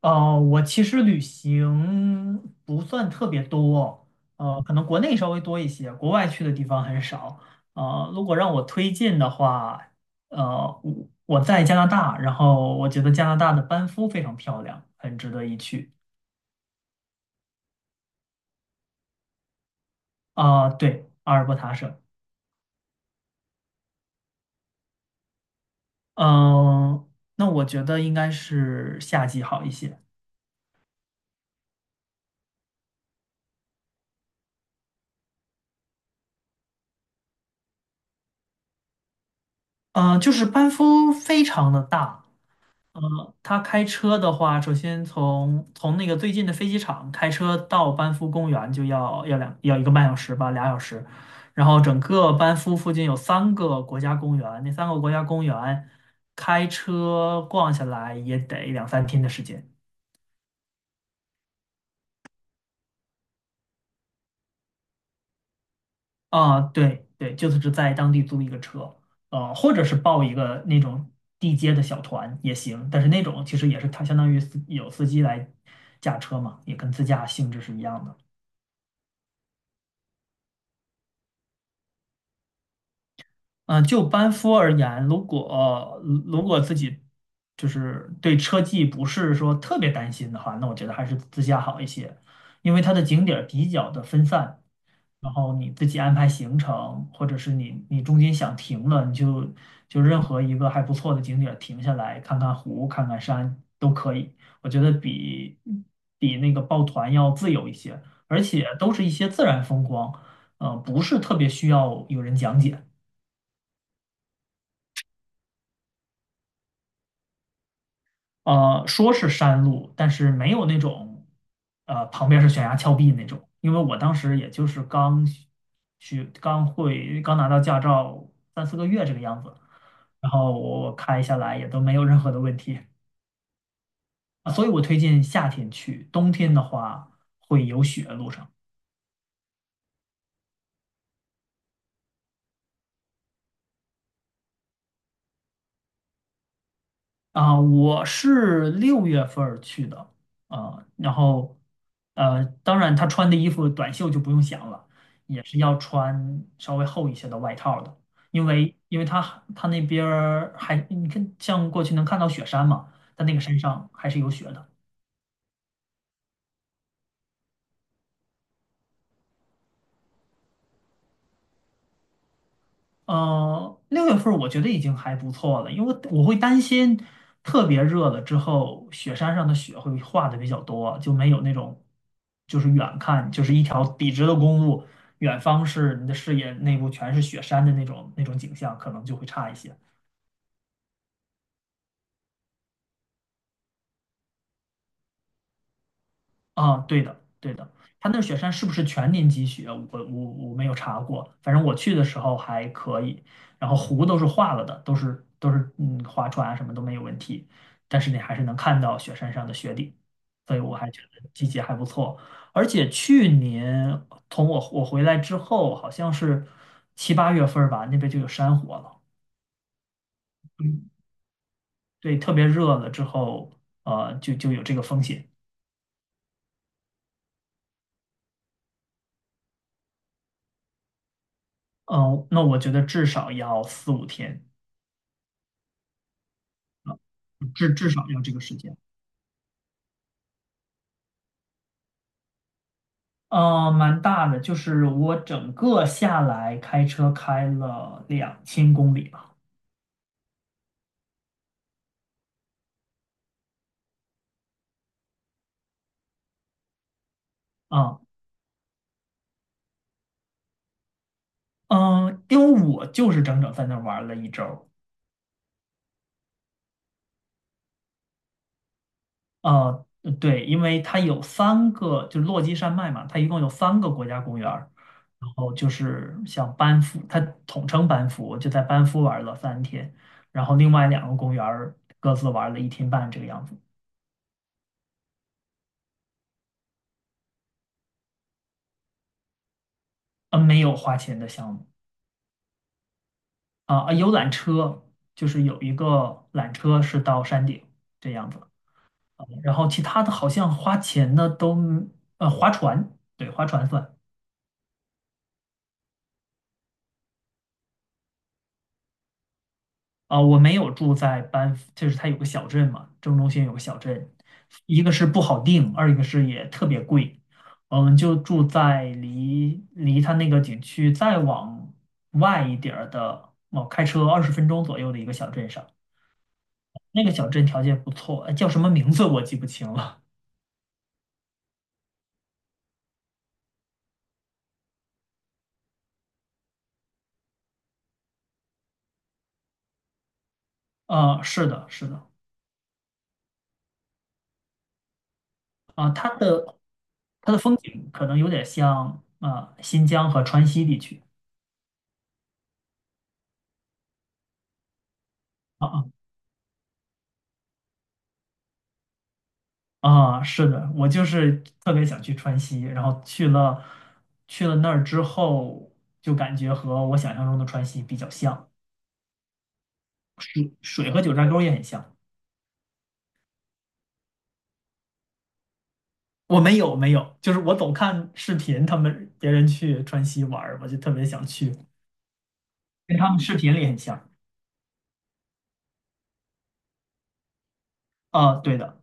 我其实旅行不算特别多，可能国内稍微多一些，国外去的地方很少。如果让我推荐的话，我在加拿大，然后我觉得加拿大的班夫非常漂亮，很值得一去。啊、对，阿尔伯塔省。嗯、那我觉得应该是夏季好一些。就是班夫非常的大。呃，他开车的话，首先从那个最近的飞机场开车到班夫公园就要1个半小时吧，俩小时。然后整个班夫附近有三个国家公园，那三个国家公园开车逛下来也得两三天的时间。啊，对对，就是只在当地租一个车。或者是报一个那种地接的小团也行，但是那种其实也是它相当于司机来驾车嘛，也跟自驾性质是一样的。嗯，就班夫而言，如果自己就是对车技不是说特别担心的话，那我觉得还是自驾好一些，因为它的景点儿比较的分散。然后你自己安排行程，或者是你中间想停了，你就任何一个还不错的景点儿停下来看看湖、看看山都可以。我觉得比那个抱团要自由一些，而且都是一些自然风光。不是特别需要有人讲解。说是山路，但是没有那种，旁边是悬崖峭壁那种。因为我当时也就是刚学、刚会、刚拿到驾照三四个月这个样子，然后我开下来也都没有任何的问题。啊，所以我推荐夏天去，冬天的话会有雪路上。啊，我是六月份儿去的啊。然后当然他穿的衣服短袖就不用想了，也是要穿稍微厚一些的外套的，因为他他那边儿还你看像过去能看到雪山嘛，他那个山上还是有雪的。六月份儿我觉得已经还不错了，因为我会担心特别热了之后，雪山上的雪会化的比较多，就没有那种就是远看就是一条笔直的公路，远方是你的视野内部全是雪山的那种景象，可能就会差一些。啊，对的，对的。它那雪山是不是全年积雪？我没有查过，反正我去的时候还可以。然后湖都是化了的，都是划船啊什么都没有问题，但是你还是能看到雪山上的雪顶，所以我还觉得季节还不错。而且去年从我回来之后，好像是七八月份儿吧，那边就有山火了。嗯，对，特别热了之后，就有这个风险。嗯，那我觉得至少要四五天。至少要这个时间。蛮大的，就是我整个下来开车开了2000公里吧。啊，嗯，因为我就是整整在那儿玩了一周。呃，对，因为它有三个，就是落基山脉嘛，它一共有3个国家公园儿。然后就是像班夫，它统称班夫，我就在班夫玩了三天，然后另外两个公园儿各自玩了一天半这个样子。没有花钱的项目。啊有缆车，就是有一个缆车是到山顶这样子。啊，然后其他的好像花钱的都划船。对，划船算。啊、我没有住在班夫，就是它有个小镇嘛，正中心有个小镇。一个是不好定，二一个是也特别贵。我们就住在离它那个景区再往外一点儿的，哦，开车二十分钟左右的一个小镇上。那个小镇条件不错，叫什么名字我记不清了。啊，是的，是的。啊、它的风景可能有点像啊、新疆和川西地区。啊啊，啊，是的，我就是特别想去川西，然后去了那儿之后，就感觉和我想象中的川西比较像。水和九寨沟也很像。我没有没有，就是我总看视频，他们别人去川西玩儿，我就特别想去，跟他们视频里很像。啊、对的。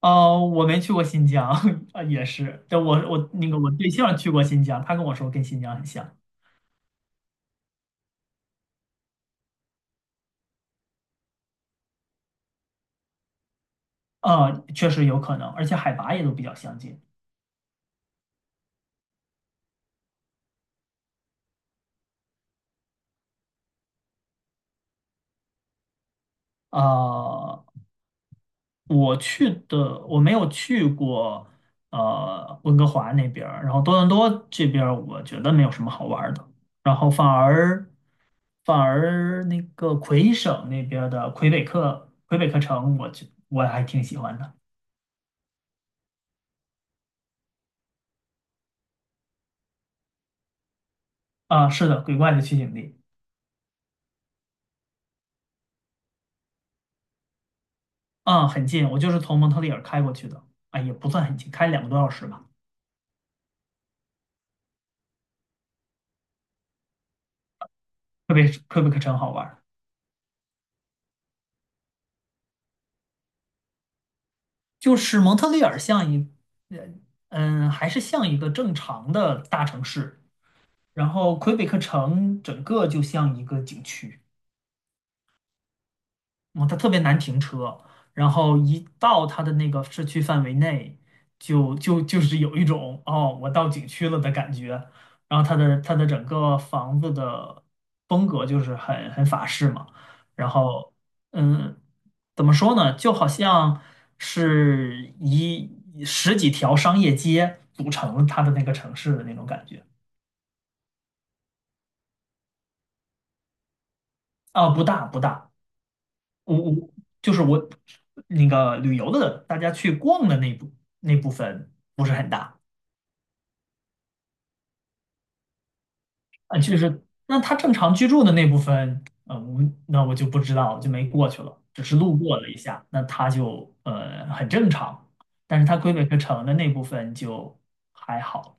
我没去过新疆，啊，也是。但我我那个我对象去过新疆，他跟我说跟新疆很像。啊，确实有可能，而且海拔也都比较相近。啊，我没有去过，温哥华那边儿然后多伦多这边儿我觉得没有什么好玩儿的。然后反而那个魁省那边儿的魁北克城，我还挺喜欢的。啊，是的，鬼怪的取景地。嗯，很近，我就是从蒙特利尔开过去的。啊，也不算很近，开2个多小时吧。魁北克城好玩儿。就是蒙特利尔像一，呃嗯，还是像一个正常的大城市，然后魁北克城整个就像一个景区。嗯，它特别难停车。然后一到它的那个市区范围内，就是有一种哦，我到景区了的感觉。然后它的整个房子的风格就是很法式嘛。然后嗯，怎么说呢，就好像是十几条商业街组成它的那个城市的那种感觉。啊，不大不大。我就是我那个旅游的大家去逛的那部分不是很大。啊，就是那他正常居住的那部分。我就不知道，就没过去了，只是路过了一下，那他就很正常，但是他魁北克城的那部分就还好。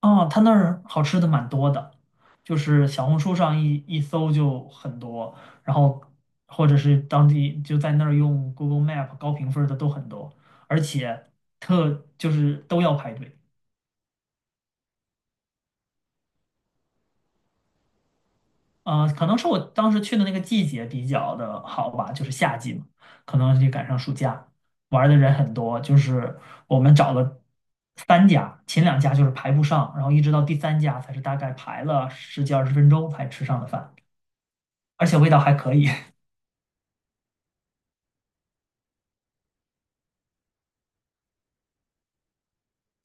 哦，他那儿好吃的蛮多的，就是小红书上一搜就很多。然后或者是当地就在那儿用 Google Map 高评分儿的都很多，而且就是都要排队。啊、可能是我当时去的那个季节比较的好吧，就是夏季嘛，可能就赶上暑假，玩儿的人很多。就是我们找了三家，前两家就是排不上，然后一直到第三家才是大概排了十几二十分钟才吃上的饭，而且味道还可以。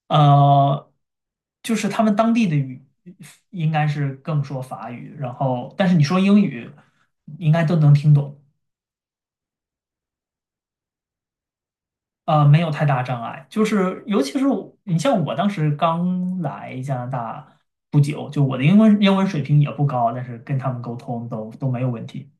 呃，就是他们当地的应该是更说法语，然后但是你说英语应该都能听懂。没有太大障碍。就是尤其是你像我当时刚来加拿大不久，就我的英文水平也不高，但是跟他们沟通都没有问题。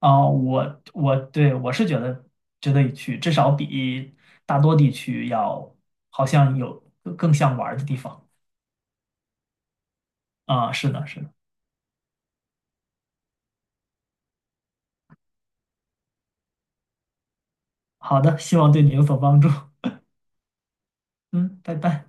啊、我是觉得值得一去，至少比大多地区要好像有更像玩儿的地方。啊、是的，是的。好的，希望对你有所帮助。嗯，拜拜。